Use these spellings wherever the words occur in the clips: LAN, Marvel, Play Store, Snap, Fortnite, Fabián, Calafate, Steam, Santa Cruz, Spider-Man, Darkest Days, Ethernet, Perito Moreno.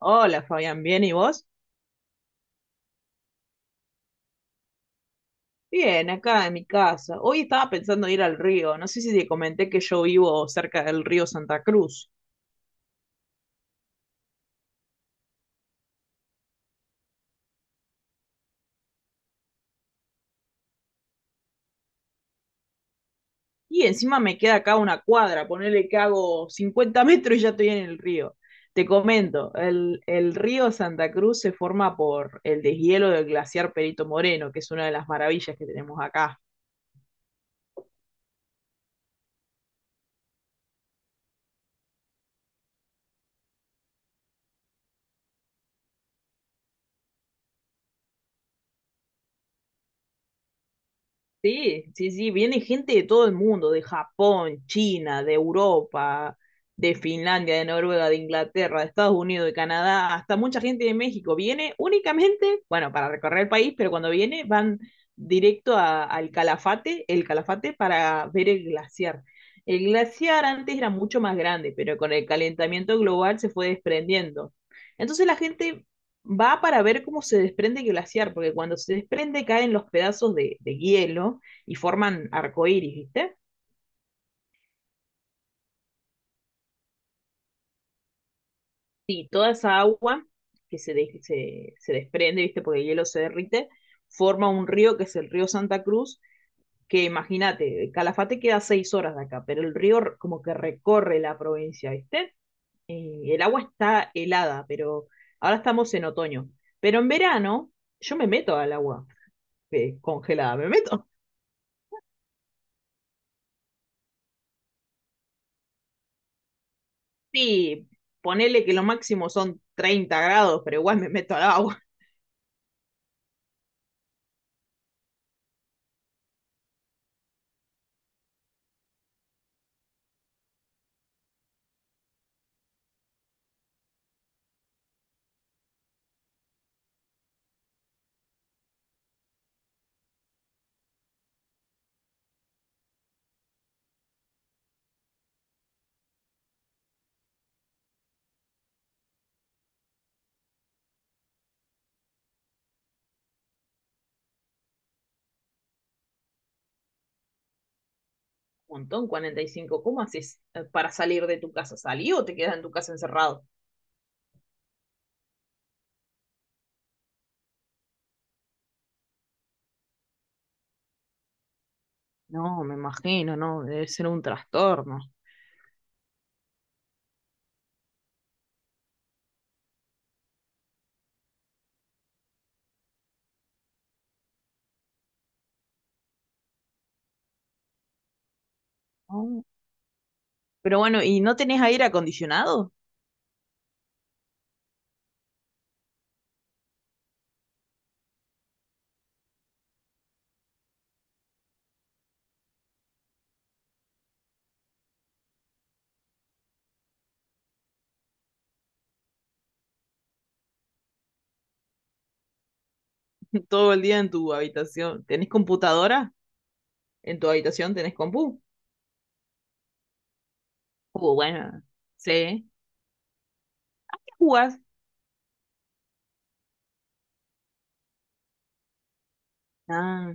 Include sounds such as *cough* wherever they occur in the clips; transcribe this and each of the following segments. Hola Fabián, ¿bien y vos? Bien, acá en mi casa. Hoy estaba pensando ir al río. No sé si te comenté que yo vivo cerca del río Santa Cruz. Y encima me queda acá una cuadra, ponele que hago 50 metros y ya estoy en el río. Te comento, el río Santa Cruz se forma por el deshielo del glaciar Perito Moreno, que es una de las maravillas que tenemos acá. Sí, sí, sí, viene gente de todo el mundo, de Japón, China, de Europa, de Finlandia, de Noruega, de Inglaterra, de Estados Unidos, de Canadá, hasta mucha gente de México. Viene únicamente, bueno, para recorrer el país, pero cuando viene van al Calafate, el Calafate para ver el glaciar. El glaciar antes era mucho más grande, pero con el calentamiento global se fue desprendiendo. Entonces la gente va para ver cómo se desprende el glaciar, porque cuando se desprende caen los pedazos de hielo y forman arcoíris, ¿viste? Y toda esa agua que se desprende, ¿viste? Porque el hielo se derrite, forma un río que es el río Santa Cruz, que imagínate, Calafate queda seis horas de acá, pero el como que recorre la provincia, ¿viste? Y el agua está helada, pero ahora estamos en otoño. Pero en verano yo me meto al agua congelada, me meto. Sí, ponele que lo máximo son 30 grados, pero igual me meto al agua. Un montón, 45. ¿Cómo haces para salir de tu casa? ¿Salí o te quedas en tu casa encerrado? No, me imagino, no, debe ser un trastorno. No. Pero bueno, ¿y no tenés aire acondicionado *laughs* todo el día en tu habitación? ¿Tenés computadora en tu habitación? ¿Tenés compu? Bueno, sí. ¿Qué jugás? Ah,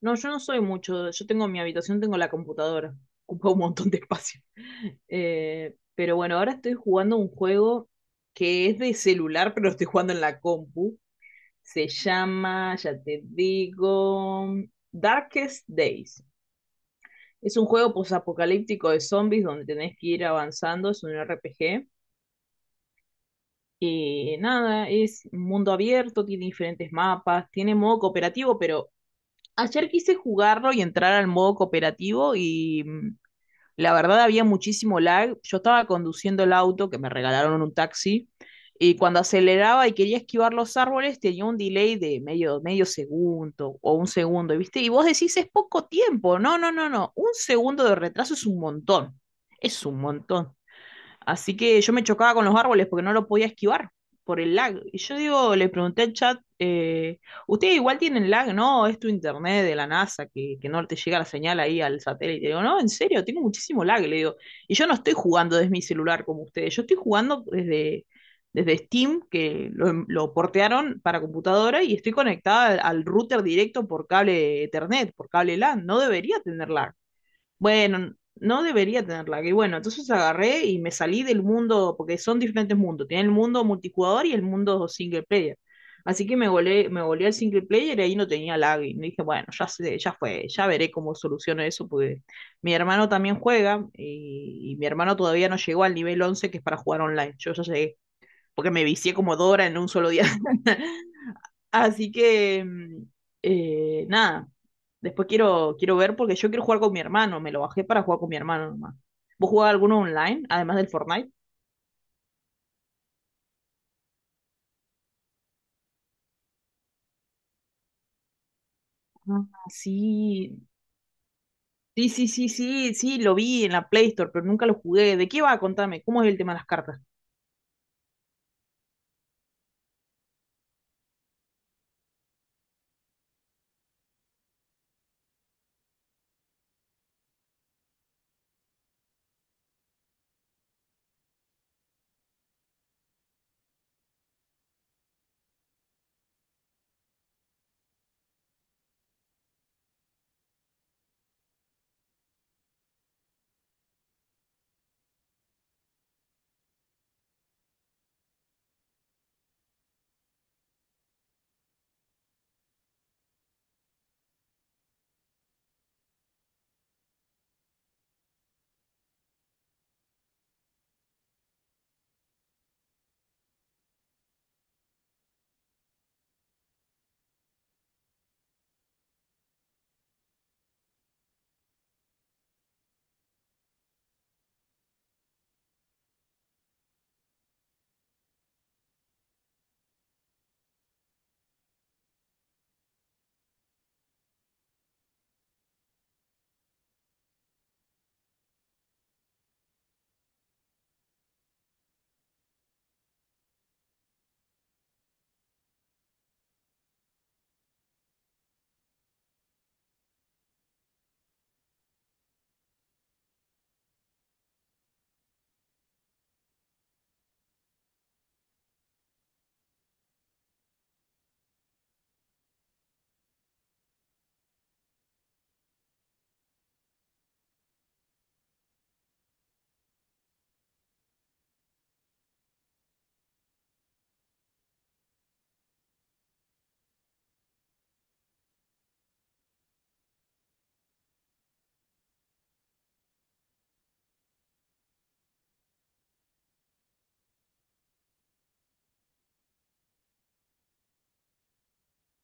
no, yo no soy mucho. Yo tengo mi habitación, tengo la computadora. *laughs* Ocupa un montón de espacio. *laughs* Pero bueno, ahora estoy jugando un juego que es de celular, pero lo estoy jugando en la compu. Se llama, ya te digo, Darkest Days. Es un juego posapocalíptico de zombies donde tenés que ir avanzando. Es un RPG. Y nada, es un mundo abierto, tiene diferentes mapas, tiene modo cooperativo, pero ayer quise jugarlo y entrar al modo cooperativo y la verdad había muchísimo lag. Yo estaba conduciendo el auto, que me regalaron en un taxi, y cuando aceleraba y quería esquivar los árboles tenía un delay de medio, medio segundo o un segundo, ¿viste? Y vos decís, es poco tiempo. No, no, no, no. Un segundo de retraso es un montón. Es un montón. Así que yo me chocaba con los árboles porque no lo podía esquivar por el lag. Y yo digo, le pregunté al chat, ustedes igual tienen lag, ¿no? Es tu internet de la NASA que no te llega la señal ahí al satélite. Digo, no, en serio, tengo muchísimo lag, le digo. Y yo no estoy jugando desde mi celular como ustedes, yo estoy jugando desde Steam, que lo portearon para computadora y estoy conectada al router directo por cable Ethernet, por cable LAN. No debería tener lag. Bueno, no debería tener lag. Y bueno, entonces agarré y me salí del mundo, porque son diferentes mundos. Tiene el mundo multijugador y el mundo single player. Así que me volé al single player y ahí no tenía lag. Y dije, bueno, ya sé, ya fue, ya veré cómo soluciono eso, porque mi hermano también juega y mi hermano todavía no llegó al nivel 11 que es para jugar online. Yo ya llegué, porque me vicié como Dora en un solo día. *laughs* Así que, nada, después quiero ver porque yo quiero jugar con mi hermano, me lo bajé para jugar con mi hermano nomás. ¿Vos jugás alguno online, además del Fortnite? Ah, sí. Sí, sí, sí, sí, sí, lo vi en la Play Store, pero nunca lo jugué. ¿De qué va? Contame, ¿cómo es el tema de las cartas?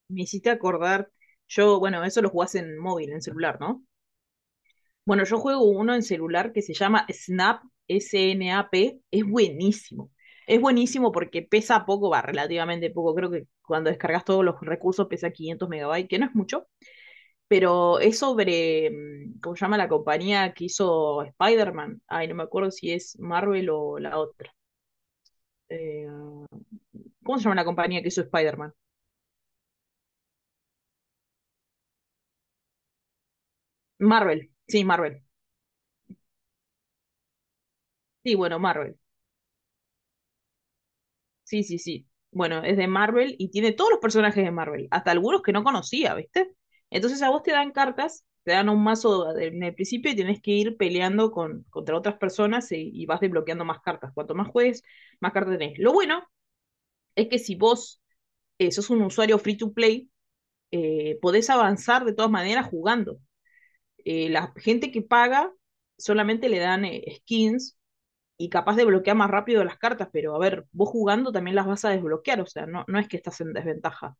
Me hiciste acordar, yo, bueno, eso lo jugás en móvil, en celular, ¿no? Bueno, yo juego uno en celular que se llama Snap, S-N-A-P, es buenísimo. Es buenísimo porque pesa poco, va, relativamente poco. Creo que cuando descargas todos los recursos pesa 500 megabytes, que no es mucho, pero es sobre, ¿cómo se llama la compañía que hizo Spider-Man? Ay, no me acuerdo si es Marvel o la otra. Eh, ¿Cómo se llama la compañía que hizo Spider-Man? Marvel. Sí, bueno, Marvel. Sí, sí, sí. Bueno, es de Marvel y tiene todos los personajes de Marvel, hasta algunos que no conocía, ¿viste? Entonces a vos te dan cartas, te dan un en el principio y tenés que ir peleando contra otras personas y vas desbloqueando más cartas. Cuanto más juegues, más cartas tenés. Lo bueno es que si vos sos un usuario free to play, podés avanzar de todas maneras jugando. La gente que paga solamente le dan skins y capaz de bloquear más rápido las cartas, pero a ver, vos jugando también las vas a desbloquear, o sea, no, no es que estás en desventaja.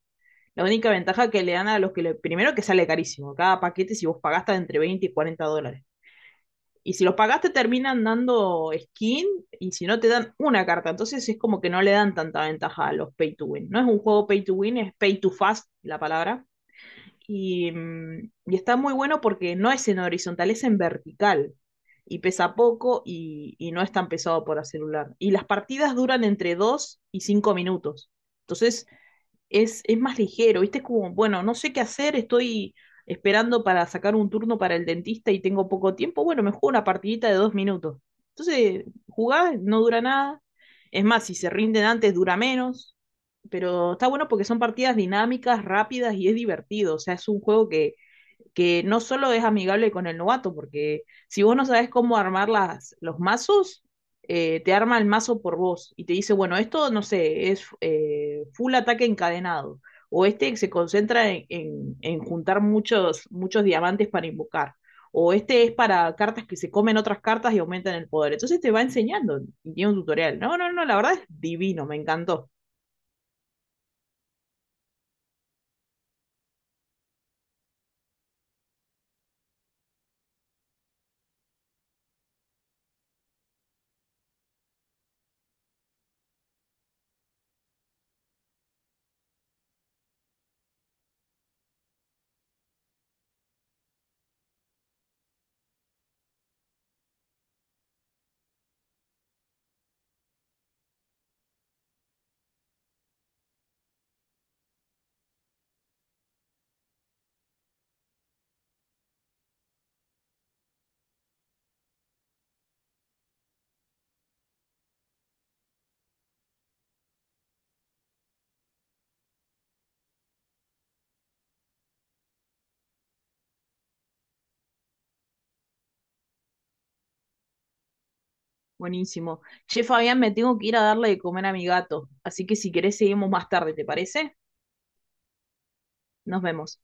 La única ventaja que le dan a los que le... Primero que sale carísimo, cada paquete si vos pagaste entre 20 y 40 dólares. Y si los pagaste terminan dando skin y si no te dan una carta, entonces es como que no le dan tanta ventaja a los pay to win. No es un juego pay to win, es pay to fast la palabra, y, y está muy bueno porque no es en horizontal, es en vertical y pesa poco y no es tan pesado para celular. Y las partidas duran entre 2 y 5 minutos. Entonces, es más ligero, ¿viste? Es como, bueno, no sé qué hacer, estoy esperando para sacar un turno para el dentista y tengo poco tiempo, bueno, me juego una partidita de 2 minutos. Entonces, jugás, no dura nada. Es más, si se rinden antes, dura menos. Pero está bueno porque son partidas dinámicas, rápidas y es divertido. O sea, es un juego que no solo es amigable con el novato, porque si vos no sabes cómo armar los mazos, te arma el mazo por vos y te dice, bueno, esto, no sé, es full ataque encadenado, o este se concentra en juntar muchos, muchos diamantes para invocar, o este es para cartas que se comen otras cartas y aumentan el poder. Entonces te va enseñando y tiene un tutorial. No, no, no, la verdad es divino, me encantó. Buenísimo. Che, Fabián, me tengo que ir a darle de comer a mi gato, así que si querés seguimos más tarde, ¿te parece? Nos vemos.